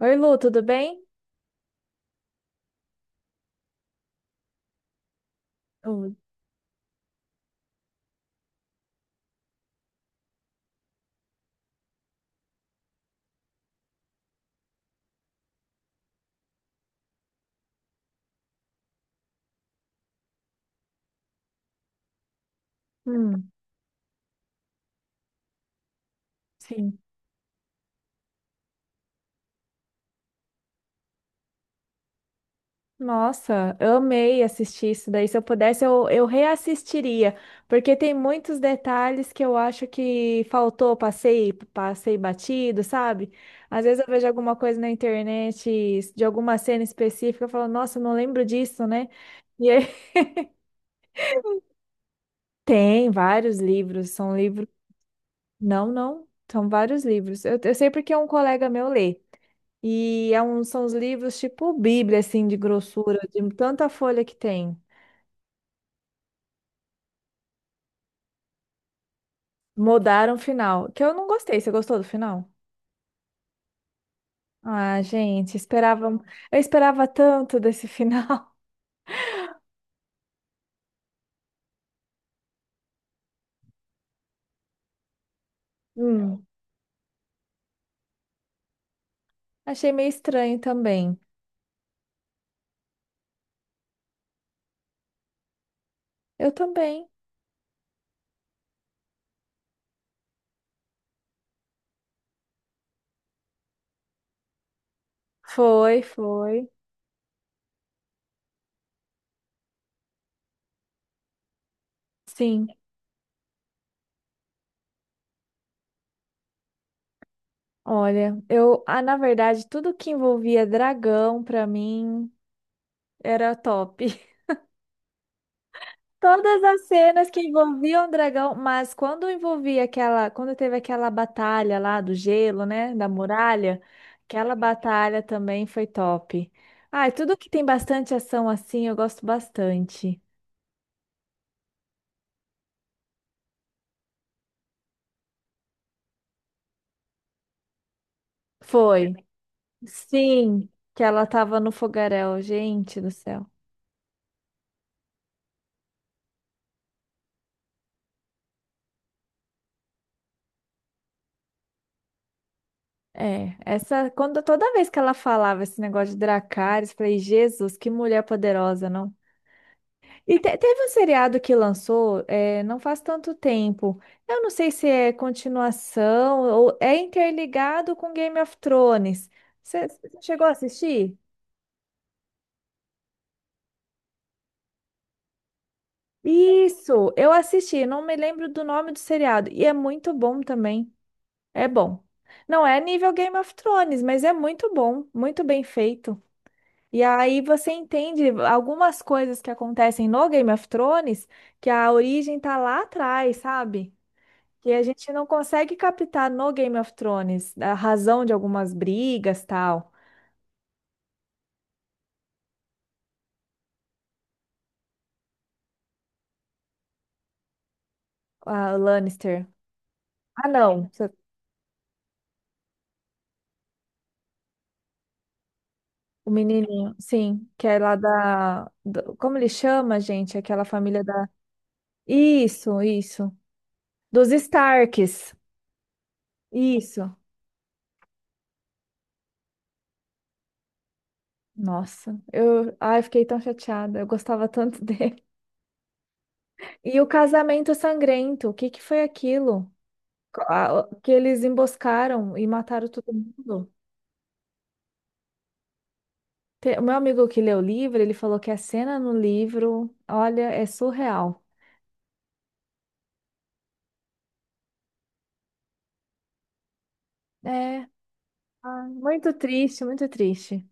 Oi, Lu, tudo bem? Lu, Hum, sim. Nossa, eu amei assistir isso daí. Se eu pudesse, eu reassistiria, porque tem muitos detalhes que eu acho que faltou, passei batido, sabe? Às vezes eu vejo alguma coisa na internet de alguma cena específica, eu falo, nossa, eu não lembro disso, né? E aí tem vários livros, são livros. Não, são vários livros. Eu sei porque um colega meu lê. E é são os livros tipo Bíblia, assim, de grossura, de tanta folha que tem. Mudaram o final, que eu não gostei. Você gostou do final? Ah, gente, eu esperava tanto desse final. Hum, achei meio estranho também. Eu também. Foi, foi. Sim. Olha, na verdade, tudo que envolvia dragão pra mim era top. Todas as cenas que envolviam o dragão, mas quando envolvia quando teve aquela batalha lá do gelo, né, da muralha, aquela batalha também foi top. Ai, tudo que tem bastante ação assim, eu gosto bastante. Foi. Sim, que ela tava no fogaréu, gente do céu. É, essa quando toda vez que ela falava esse negócio de Dracarys, eu falei, Jesus, que mulher poderosa, não? E teve um seriado que lançou, é, não faz tanto tempo. Eu não sei se é continuação ou é interligado com Game of Thrones. Você chegou a assistir? Isso, eu assisti, não me lembro do nome do seriado. E é muito bom também. É bom. Não é nível Game of Thrones, mas é muito bom, muito bem feito. E aí você entende algumas coisas que acontecem no Game of Thrones, que a origem tá lá atrás, sabe? Que a gente não consegue captar no Game of Thrones a razão de algumas brigas, tal. A Lannister. Ah, não. O menininho, sim, que é lá como ele chama, gente? Aquela família da. Isso, isso. Dos Starks. Isso. Nossa, eu, ai, fiquei tão chateada. Eu gostava tanto dele. E o casamento sangrento, o que que foi aquilo? Que eles emboscaram e mataram todo mundo. O meu amigo que leu o livro, ele falou que a cena no livro, olha, é surreal. É, ah, muito triste, muito triste.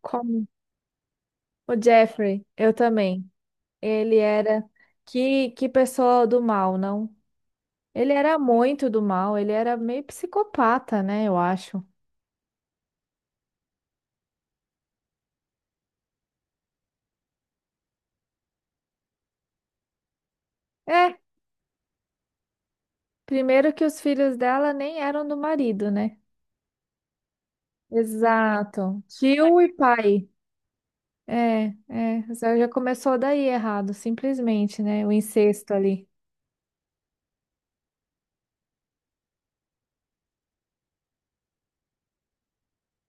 Como o Jeffrey, eu também. Ele era que pessoa do mal, não? Ele era muito do mal, ele era meio psicopata, né, eu acho. É, primeiro que os filhos dela nem eram do marido, né? Exato. Tio e pai. É, é, já já começou daí errado, simplesmente, né? O incesto ali.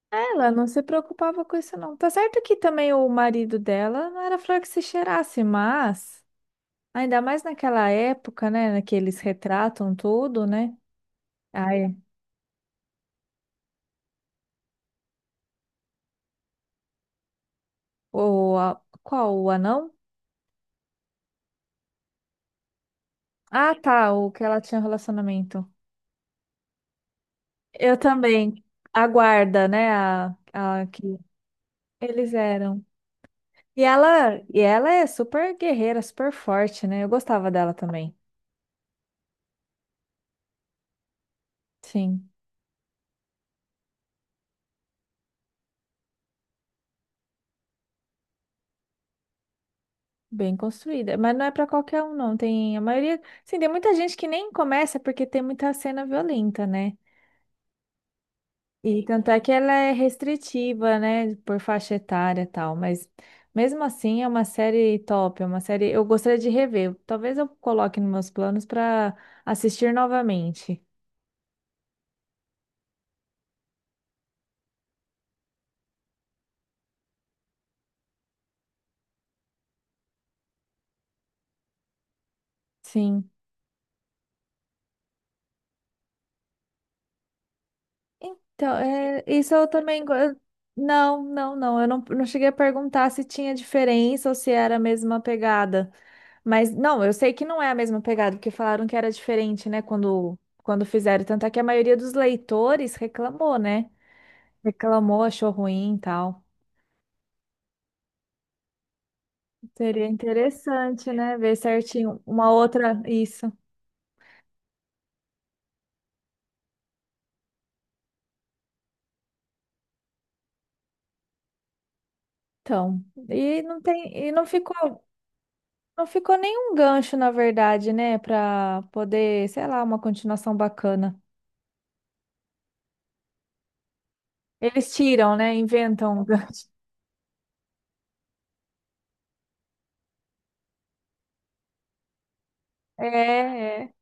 Ela não se preocupava com isso, não. Tá certo que também o marido dela não era flor que se cheirasse, mas ainda mais naquela época, né? Que eles retratam tudo, né? Ai, qual? O anão? Ah, tá, o que ela tinha relacionamento. Eu também. A guarda, né? A que eles eram. E ela é super guerreira, super forte, né? Eu gostava dela também. Sim. Bem construída, mas não é pra qualquer um, não. Tem a maioria, sim, tem muita gente que nem começa porque tem muita cena violenta, né? E tanto é que ela é restritiva, né, por faixa etária e tal, mas mesmo assim é uma série top, é uma série eu gostaria de rever. Talvez eu coloque nos meus planos pra assistir novamente. Sim. Então, é, isso eu também não, não, eu não cheguei a perguntar se tinha diferença ou se era a mesma pegada. Mas não, eu sei que não é a mesma pegada, porque falaram que era diferente, né, quando fizeram. Tanto é que a maioria dos leitores reclamou, né? Reclamou, achou ruim e tal. Seria interessante, né, ver certinho uma outra isso. Então, e não tem, não ficou nenhum gancho, na verdade, né, para poder, sei lá, uma continuação bacana. Eles tiram, né, inventam um gancho. É, é.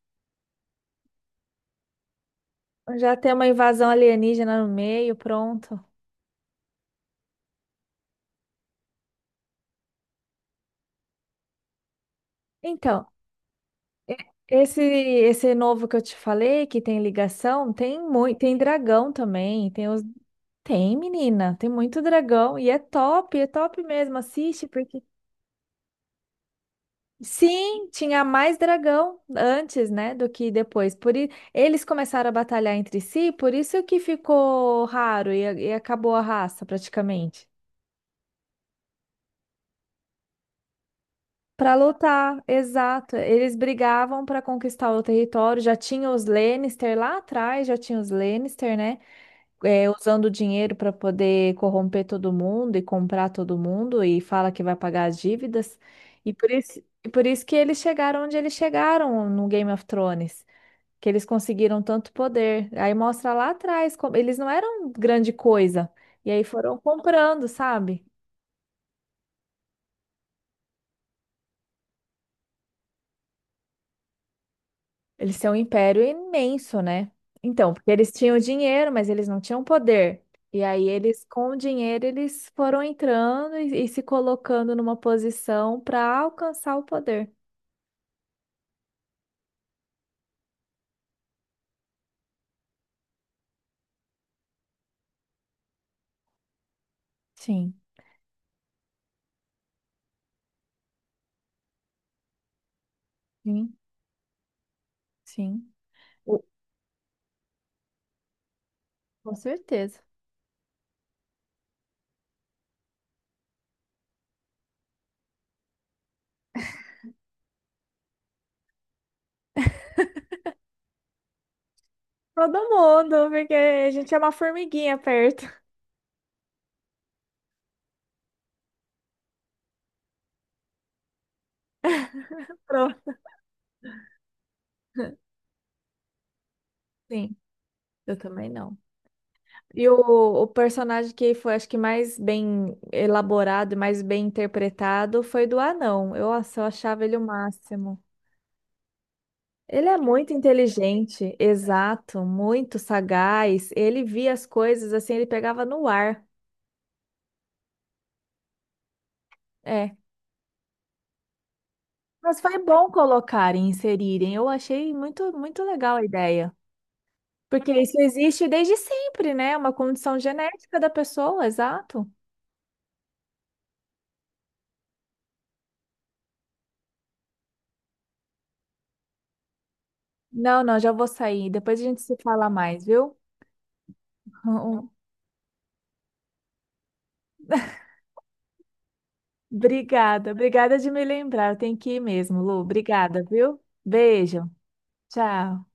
Já tem uma invasão alienígena no meio, pronto. Então, esse novo que eu te falei, que tem ligação, tem muito, tem dragão também, tem os, tem menina, tem muito dragão e é top mesmo, assiste porque sim, tinha mais dragão antes, né, do que depois. Eles começaram a batalhar entre si, por isso que ficou raro e acabou a raça praticamente. Para lutar, exato. Eles brigavam para conquistar o território. Já tinha os Lannister lá atrás, já tinha os Lannister, né? É, usando dinheiro para poder corromper todo mundo e comprar todo mundo e fala que vai pagar as dívidas. E por isso que eles chegaram onde eles chegaram no Game of Thrones, que eles conseguiram tanto poder. Aí mostra lá atrás como eles não eram grande coisa. E aí foram comprando, sabe? Eles têm um império imenso, né? Então, porque eles tinham dinheiro, mas eles não tinham poder. E aí eles, com o dinheiro, eles foram entrando e se colocando numa posição para alcançar o poder. Sim, sim, sim. O- Com certeza. Todo mundo, porque a gente é uma formiguinha perto. Pronto. Sim, eu também não. E o personagem que foi, acho que mais bem elaborado e mais bem interpretado foi do anão. Eu, nossa, eu achava ele o máximo. Ele é muito inteligente, exato, muito sagaz. Ele via as coisas assim, ele pegava no ar. É. Mas foi bom colocarem, inserirem. Eu achei muito, muito legal a ideia. Porque isso existe desde sempre, né? É uma condição genética da pessoa, exato. Não, já vou sair. Depois a gente se fala mais, viu? Obrigada de me lembrar. Tem que ir mesmo, Lu. Obrigada, viu? Beijo. Tchau.